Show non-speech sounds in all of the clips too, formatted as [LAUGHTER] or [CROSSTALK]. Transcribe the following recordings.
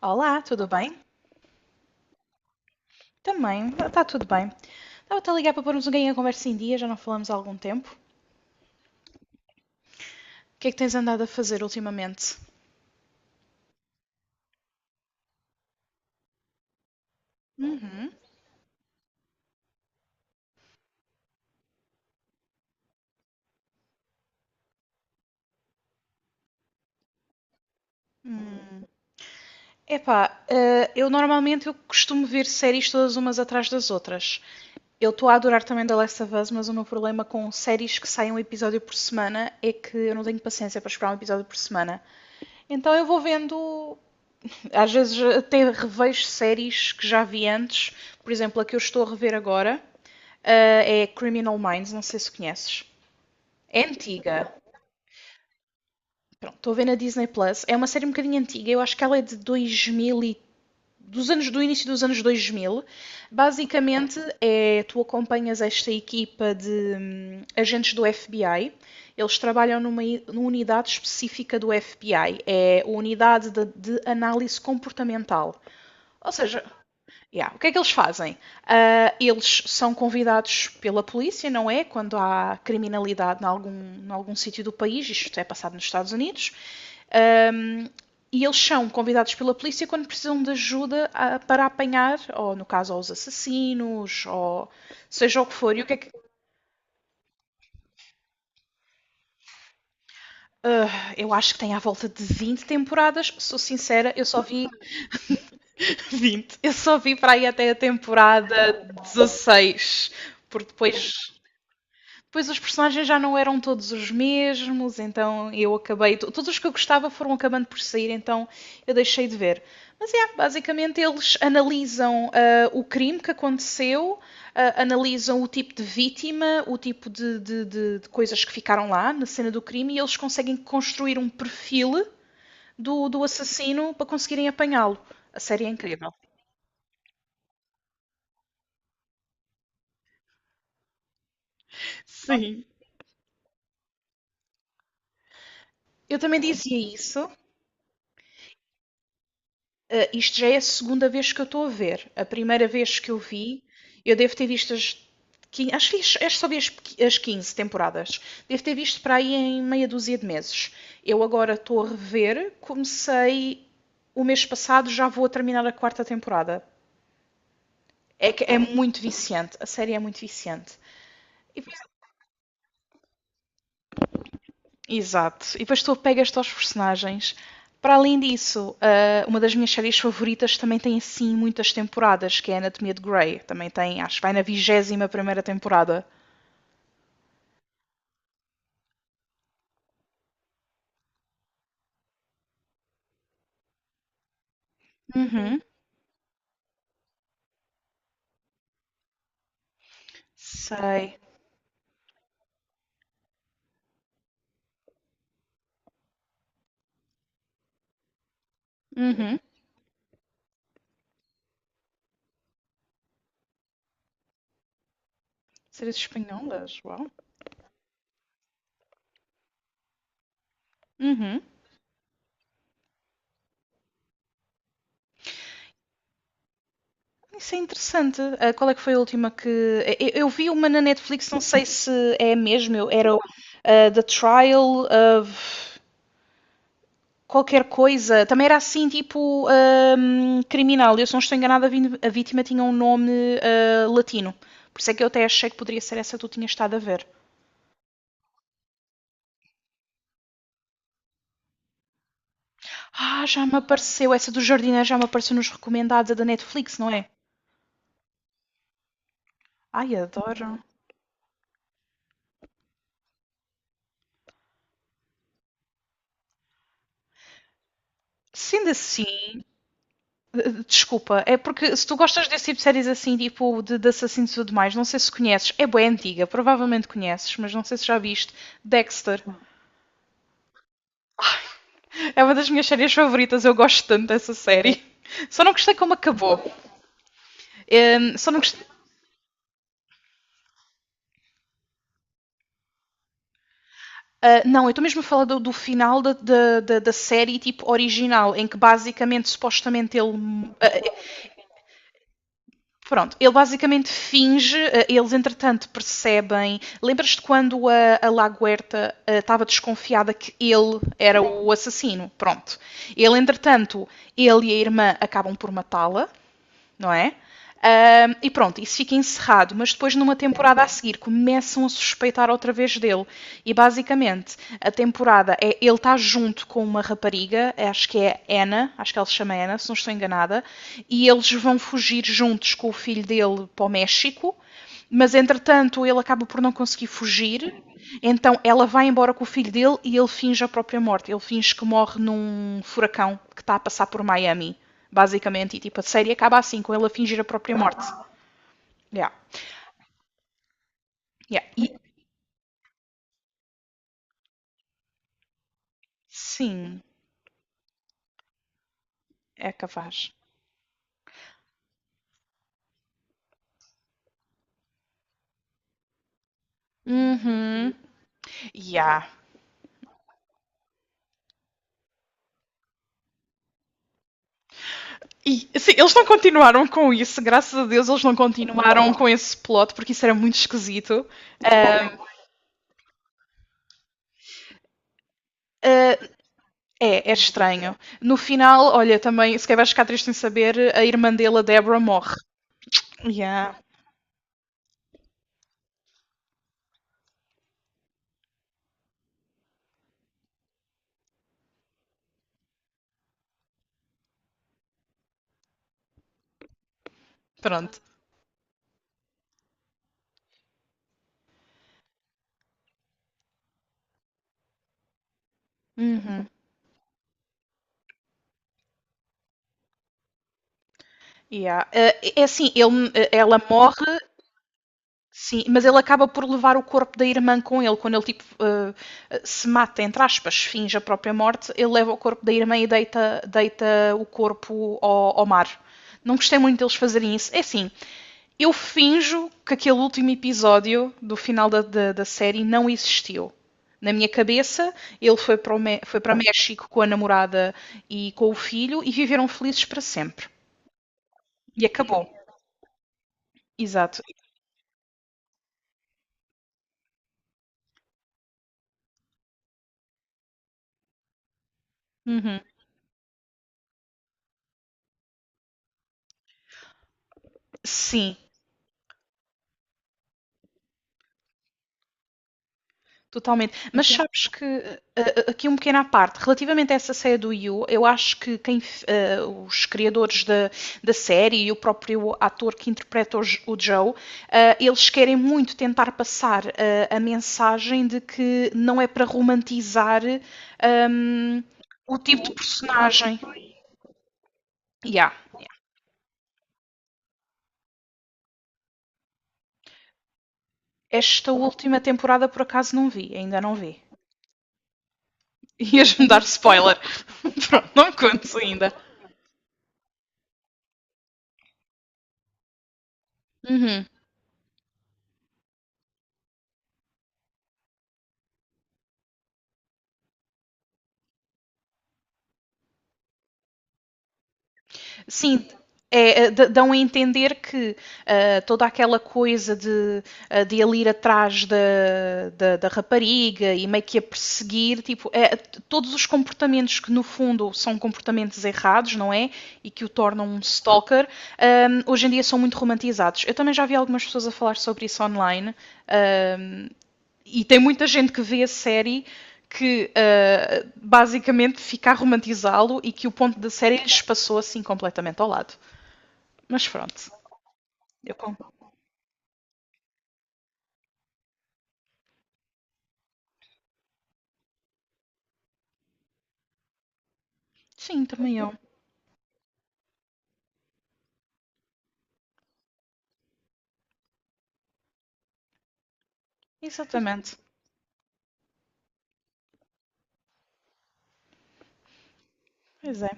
Olá, tudo bem? Também, está tudo bem. Estava-te a ligar para pormos um ganho a conversa em dia, já não falamos há algum tempo. O que é que tens andado a fazer ultimamente? Uhum. Epá, eu normalmente eu costumo ver séries todas umas atrás das outras. Eu estou a adorar também The Last of Us, mas o meu problema com séries que saem um episódio por semana é que eu não tenho paciência para esperar um episódio por semana. Então eu vou vendo. Às vezes até revejo séries que já vi antes, por exemplo, a que eu estou a rever agora é Criminal Minds, não sei se conheces. É antiga. Pronto, estou a ver na Disney Plus. É uma série um bocadinho antiga, eu acho que ela é de três, dos anos do início dos anos 2000. Basicamente é tu acompanhas esta equipa de agentes do FBI. Eles trabalham numa unidade específica do FBI, é a unidade de análise comportamental. Ou seja, yeah. O que é que eles fazem? Ah, eles são convidados pela polícia, não é? Quando há criminalidade em algum sítio do país, isto é passado nos Estados Unidos, e eles são convidados pela polícia quando precisam de ajuda, para apanhar, ou no caso, aos assassinos, ou seja o que for. E o que é que. Ah, eu acho que tem à volta de 20 temporadas, sou sincera, eu só vi [LAUGHS] 20. Eu só vi para aí até a temporada 16, porque depois. Pois os personagens já não eram todos os mesmos, então eu acabei. Todos os que eu gostava foram acabando por sair, então eu deixei de ver. Mas é, basicamente eles analisam, o crime que aconteceu, analisam o tipo de vítima, o tipo de, de coisas que ficaram lá na cena do crime e eles conseguem construir um perfil do assassino para conseguirem apanhá-lo. A série é incrível. Sim. Eu também dizia isso. Isto já é a segunda vez que eu estou a ver. A primeira vez que eu vi, eu devo ter visto as. Acho que acho que só vi as as 15 temporadas. Devo ter visto para aí em meia dúzia de meses. Eu agora estou a rever. Comecei o mês passado, já vou a terminar a quarta temporada. É que é muito viciante. A série é muito viciante. E exato. E depois tu apegas-te aos personagens. Para além disso, uma das minhas séries favoritas também tem assim muitas temporadas, que é Anatomia de Grey. Também tem, acho que vai na vigésima primeira temporada. Uhum. Sei. Uhum. Séries espanholas, uau. Uhum. Isso é interessante. Ah, qual é que foi a última que. Eu vi uma na Netflix, não sei se é a mesma, era o, ah, The Trial of. Qualquer coisa. Também era assim, tipo, criminal. Eu, se não estou enganada, a vítima tinha um nome, latino. Por isso é que eu até achei que poderia ser essa que tu tinhas estado a ver. Ah, já me apareceu. Essa do jardineiro já me apareceu nos recomendados, a da Netflix, não é? Ai, adoro. Sendo assim, desculpa, é porque se tu gostas desse tipo de séries assim, tipo de assassinos e tudo mais, não sei se conheces, é bem antiga, provavelmente conheces, mas não sei se já viste, Dexter. É uma das minhas séries favoritas, eu gosto tanto dessa série. Só não gostei como acabou. Só não gostei. Ah, não, eu estou mesmo a falar do, do final série tipo original, em que basicamente, supostamente, ele. Ah, pronto, ele basicamente finge, ah, eles entretanto percebem. Lembras-te quando a Laguerta estava desconfiada que ele era o assassino? Pronto. Ele, entretanto, ele e a irmã acabam por matá-la, não é? Um, e pronto, isso fica encerrado, mas depois numa temporada a seguir começam a suspeitar outra vez dele. E basicamente a temporada é ele está junto com uma rapariga, acho que é Anna, acho que ela se chama Anna, se não estou enganada, e eles vão fugir juntos com o filho dele para o México, mas entretanto ele acaba por não conseguir fugir, então ela vai embora com o filho dele e ele finge a própria morte. Ele finge que morre num furacão que está a passar por Miami, basicamente. E tipo, a série acaba assim, com ele a fingir a própria morte. Yeah. Yeah. E sim, é capaz. Uhum. Yeah. E assim, eles não continuaram com isso, graças a Deus eles não continuaram com esse plot, porque isso era muito esquisito. Uh, é, é estranho. No final, olha, também, se quer vais ficar triste em saber, a irmã dele, a Deborah, morre. Yeah. Pronto. Uhum. Yeah. Eh, é assim, ele, ela morre, sim, mas ele acaba por levar o corpo da irmã com ele. Quando ele tipo, se mata, entre aspas, finge a própria morte, ele leva o corpo da irmã e deita, deita o corpo ao mar. Não gostei muito deles fazerem isso. É assim, eu finjo que aquele último episódio do final da série não existiu. Na minha cabeça, ele foi para, o foi para México com a namorada e com o filho e viveram felizes para sempre. E acabou. Exato. Uhum. Sim, totalmente. Mas então, sabes que, aqui um pequeno à parte, relativamente a essa série do You, eu acho que quem, os criadores da série e o próprio ator que interpreta o, o Joe, eles querem muito tentar passar, a mensagem de que não é para romantizar, um, o tipo de personagem. Yeah. Esta última temporada por acaso não vi, ainda não vi. [LAUGHS] Ias-me dar spoiler. [LAUGHS] Pronto, não me contes ainda. Sim, é, é, dão a entender que, toda aquela coisa de, de ele ir atrás da rapariga e meio que a perseguir, tipo, é, todos os comportamentos que no fundo são comportamentos errados, não é? E que o tornam um stalker, hoje em dia são muito romantizados. Eu também já vi algumas pessoas a falar sobre isso online. ah, e tem muita gente que vê a série que, basicamente fica a romantizá-lo e que o ponto da série lhes passou assim completamente ao lado. Mas pronto, eu compro. Sim, também eu. Exatamente. Pois é.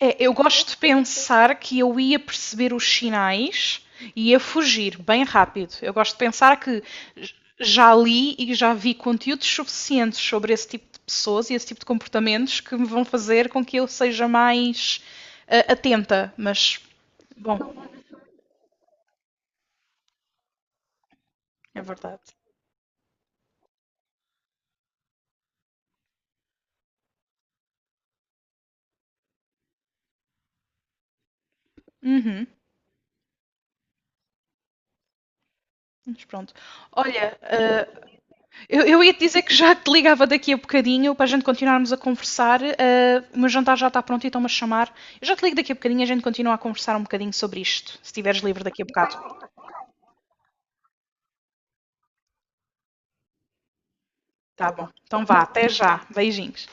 É. Eu gosto de pensar que eu ia perceber os sinais e ia fugir bem rápido. Eu gosto de pensar que já li e já vi conteúdos suficientes sobre esse tipo de pessoas e esse tipo de comportamentos que me vão fazer com que eu seja mais, atenta, mas. Bom, é verdade. Uhum, mas pronto. Olha, eu ia te dizer que já te ligava daqui a bocadinho para a gente continuarmos a conversar. O meu jantar já está pronto e estão-me a chamar. Eu já te ligo daqui a bocadinho e a gente continua a conversar um bocadinho sobre isto, se estiveres livre daqui a bocado. Tá bom. Então vá, até já. Beijinhos.